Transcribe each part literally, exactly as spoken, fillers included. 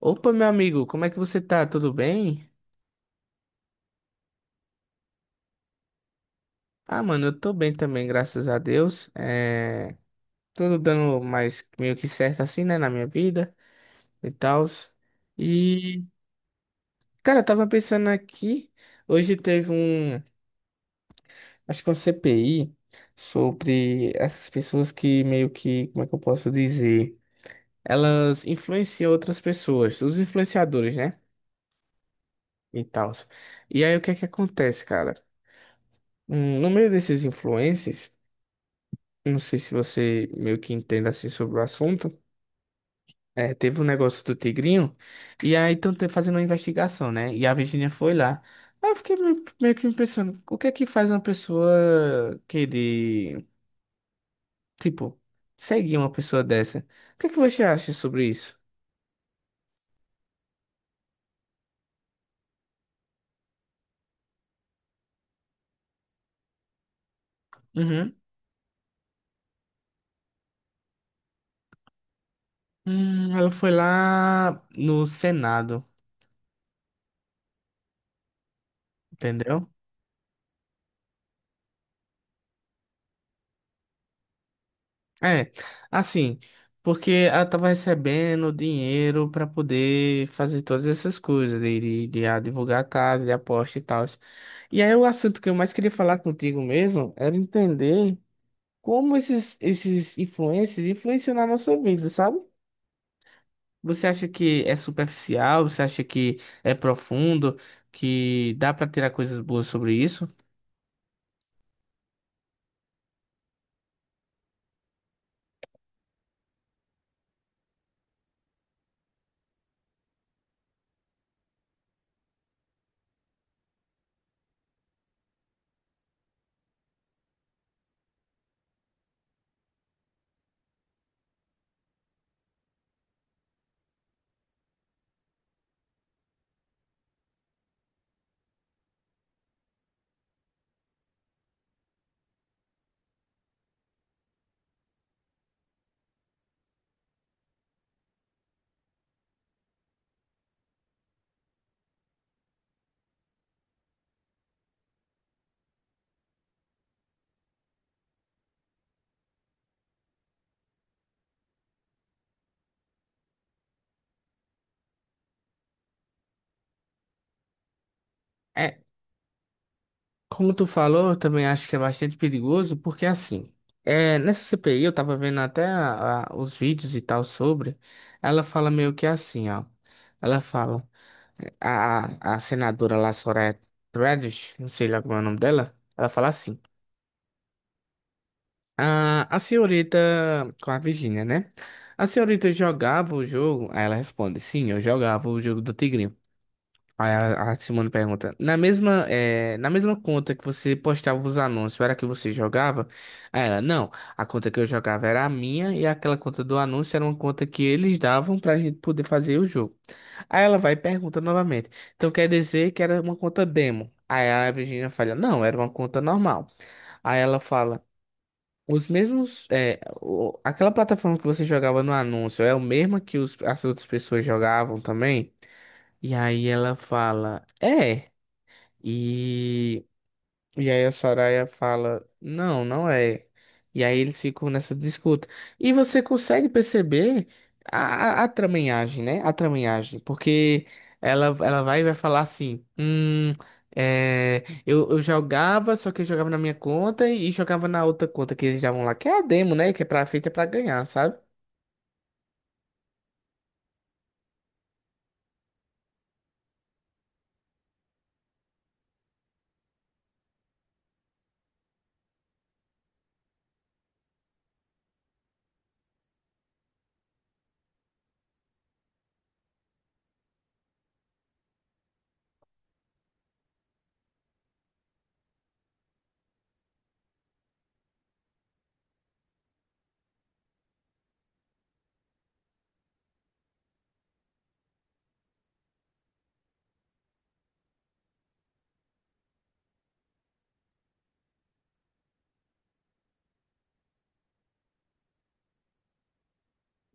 Opa, meu amigo, como é que você tá? Tudo bem? Ah, mano, eu tô bem também, graças a Deus. É. Tudo dando mais meio que certo assim, né, na minha vida e tal. E, cara, eu tava pensando aqui, hoje teve um, acho que uma C P I sobre essas pessoas que meio que, como é que eu posso dizer? Elas influenciam outras pessoas, os influenciadores, né? E tal. E aí, o que é que acontece, cara? Hum, No meio desses influencers. Não sei se você meio que entende assim sobre o assunto. É, teve um negócio do Tigrinho, e aí estão fazendo uma investigação, né? E a Virginia foi lá. Aí eu fiquei meio, meio que me pensando, o que é que faz uma pessoa querer, tipo, seguir uma pessoa dessa? O que é que você acha sobre isso? Uhum. Hum, ela foi lá no Senado, entendeu? É, assim, porque ela tava recebendo dinheiro para poder fazer todas essas coisas, de, de, de advogar a casa, de aposta e tal. E aí o assunto que eu mais queria falar contigo mesmo era entender como esses, esses influencers influenciam na nossa vida, sabe? Você acha que é superficial? Você acha que é profundo? Que dá para tirar coisas boas sobre isso? É, como tu falou, eu também acho que é bastante perigoso, porque assim, é, nessa C P I, eu tava vendo até a- a- os vídeos e tal sobre, ela fala meio que assim, ó. Ela fala, a, a senadora lá, Soraya Tredish, não sei lá como é o nome dela, ela fala assim, a, a senhorita, com a Virgínia, né? A senhorita jogava o jogo, aí ela responde, sim, eu jogava o jogo do Tigrinho. Aí a, a Simone pergunta: na mesma, eh, na mesma conta que você postava os anúncios, era a que você jogava? Aí ela: não, a conta que eu jogava era a minha e aquela conta do anúncio era uma conta que eles davam pra gente poder fazer o jogo. Aí ela vai e pergunta novamente: então quer dizer que era uma conta demo? Aí a Virginia fala: não, era uma conta normal. Aí ela fala: os mesmos, eh, o- aquela plataforma que você jogava no anúncio é a mesma que os, as outras pessoas jogavam também? E aí ela fala, é. E, e aí a Soraya fala, não, não é. E aí eles ficam nessa disputa. E você consegue perceber a, a, a tramanhagem, né? A tramanhagem. Porque ela, ela vai e vai falar assim, hum, é, eu, eu jogava, só que eu jogava na minha conta e jogava na outra conta que eles estavam lá. Que é a demo, né? Que é pra, feita pra ganhar, sabe?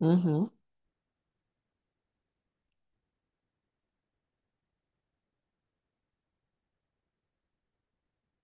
Uhum.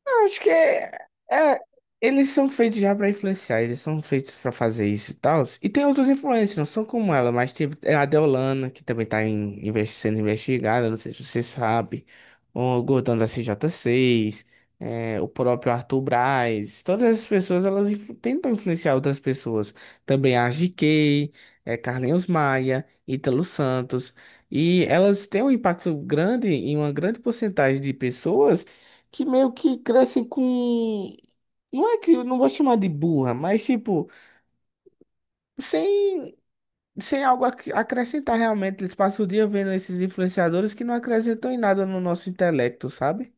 Eu acho que é, é- eles são feitos já pra influenciar, eles são feitos pra fazer isso e tal. E tem outros influencers, não são como ela, mas tipo, é a Deolana, que também tá em- investi- sendo investigada, não sei se você sabe. O Gordão da C J seis, é, o próprio Arthur Braz, todas essas pessoas elas influ- tentam influenciar outras pessoas. Também a G K, é, Carlinhos Maia, Ítalo Santos. E elas têm um impacto grande em uma grande porcentagem de pessoas que meio que crescem com. Não é que eu não vou chamar de burra, mas tipo, sem, sem algo a acrescentar realmente. Eles passam o dia vendo esses influenciadores que não acrescentam em nada no nosso intelecto, sabe?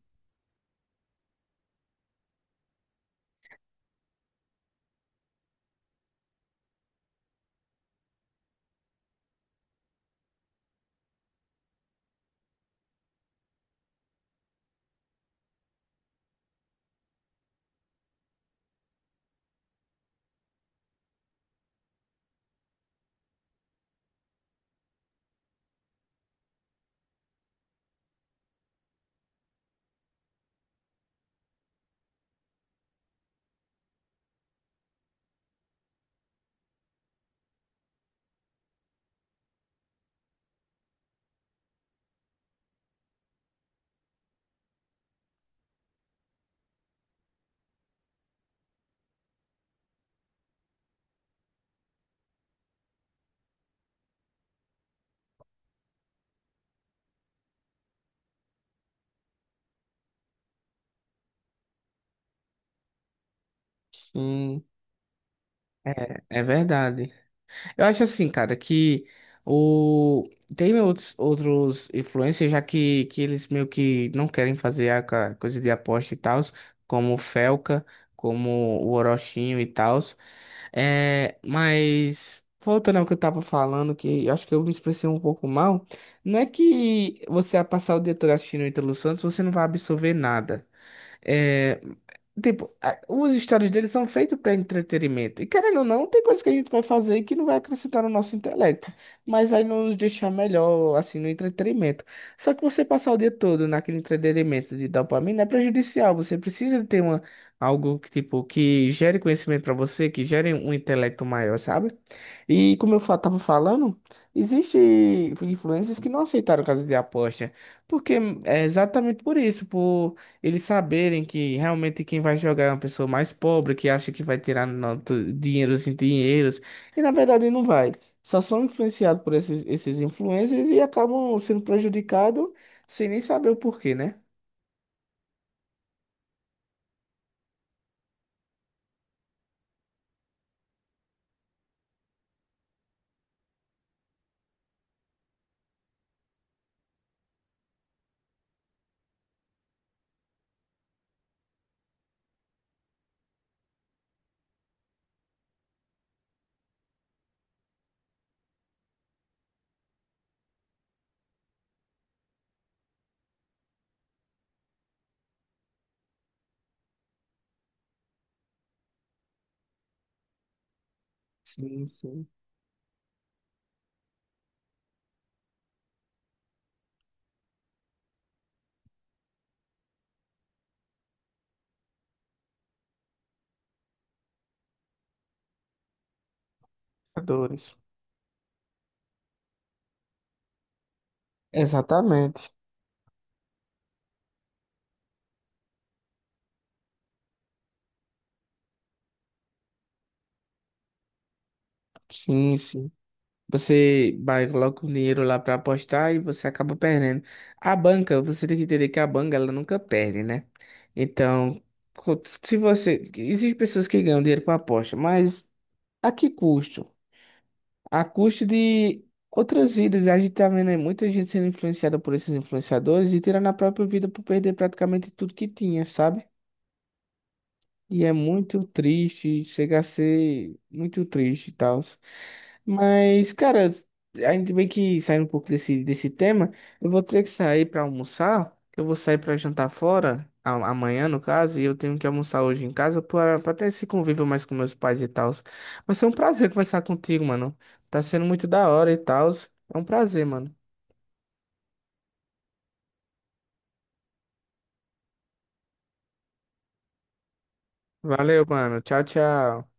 Sim, é, é verdade. Eu acho assim, cara, que o tem outros outros influencers já que, que eles meio que não querem fazer a ca- coisa de aposta e tal, como o Felca, como o Orochinho e tal. É, mas voltando ao que eu tava falando, que eu acho que eu me expressei um pouco mal, não é que você a passar o dia todo assistindo o Ítalo Santos, você não vai absorver nada. É, tipo, a- os stories deles são feitos para entretenimento. E querendo ou não, tem coisa que a gente vai fazer que não vai acrescentar no nosso intelecto, mas vai nos deixar melhor, assim, no entretenimento. Só que você passar o dia todo naquele entretenimento de dopamina é prejudicial. Você precisa ter uma, algo que, tipo, que gere conhecimento para você, que gere um intelecto maior, sabe? E como eu fa- tava falando, existe influencers que não aceitaram caso de aposta, porque é exatamente por isso, por eles saberem que realmente quem vai jogar é uma pessoa mais pobre, que acha que vai tirar nota- dinheiros em dinheiros, e na verdade não vai. Só são influenciados por esses, esses influencers e acabam sendo prejudicados sem nem saber o porquê, né? Sim, sim. Jogadores. Exatamente. Sim, sim. Você vai, coloca o dinheiro lá para apostar e você acaba perdendo. A banca, você tem que entender que a banca, ela nunca perde, né? Então, co- se você. Existem pessoas que ganham dinheiro com aposta, mas a que custo? A custo de outras vidas. A gente tá vendo aí muita gente sendo influenciada por esses influenciadores e tirando a própria vida por perder praticamente tudo que tinha, sabe? E é muito triste, chega a ser muito triste e tal. Mas, cara, ainda bem que saindo um pouco desse, desse, tema, eu vou ter que sair pra almoçar. Eu vou sair pra jantar fora, a- amanhã no caso, e eu tenho que almoçar hoje em casa pra pra ter esse convívio mais com meus pais e tal. Mas foi um prazer conversar contigo, mano. Tá sendo muito da hora e tal. É um prazer, mano. Valeu, mano. Tchau, tchau.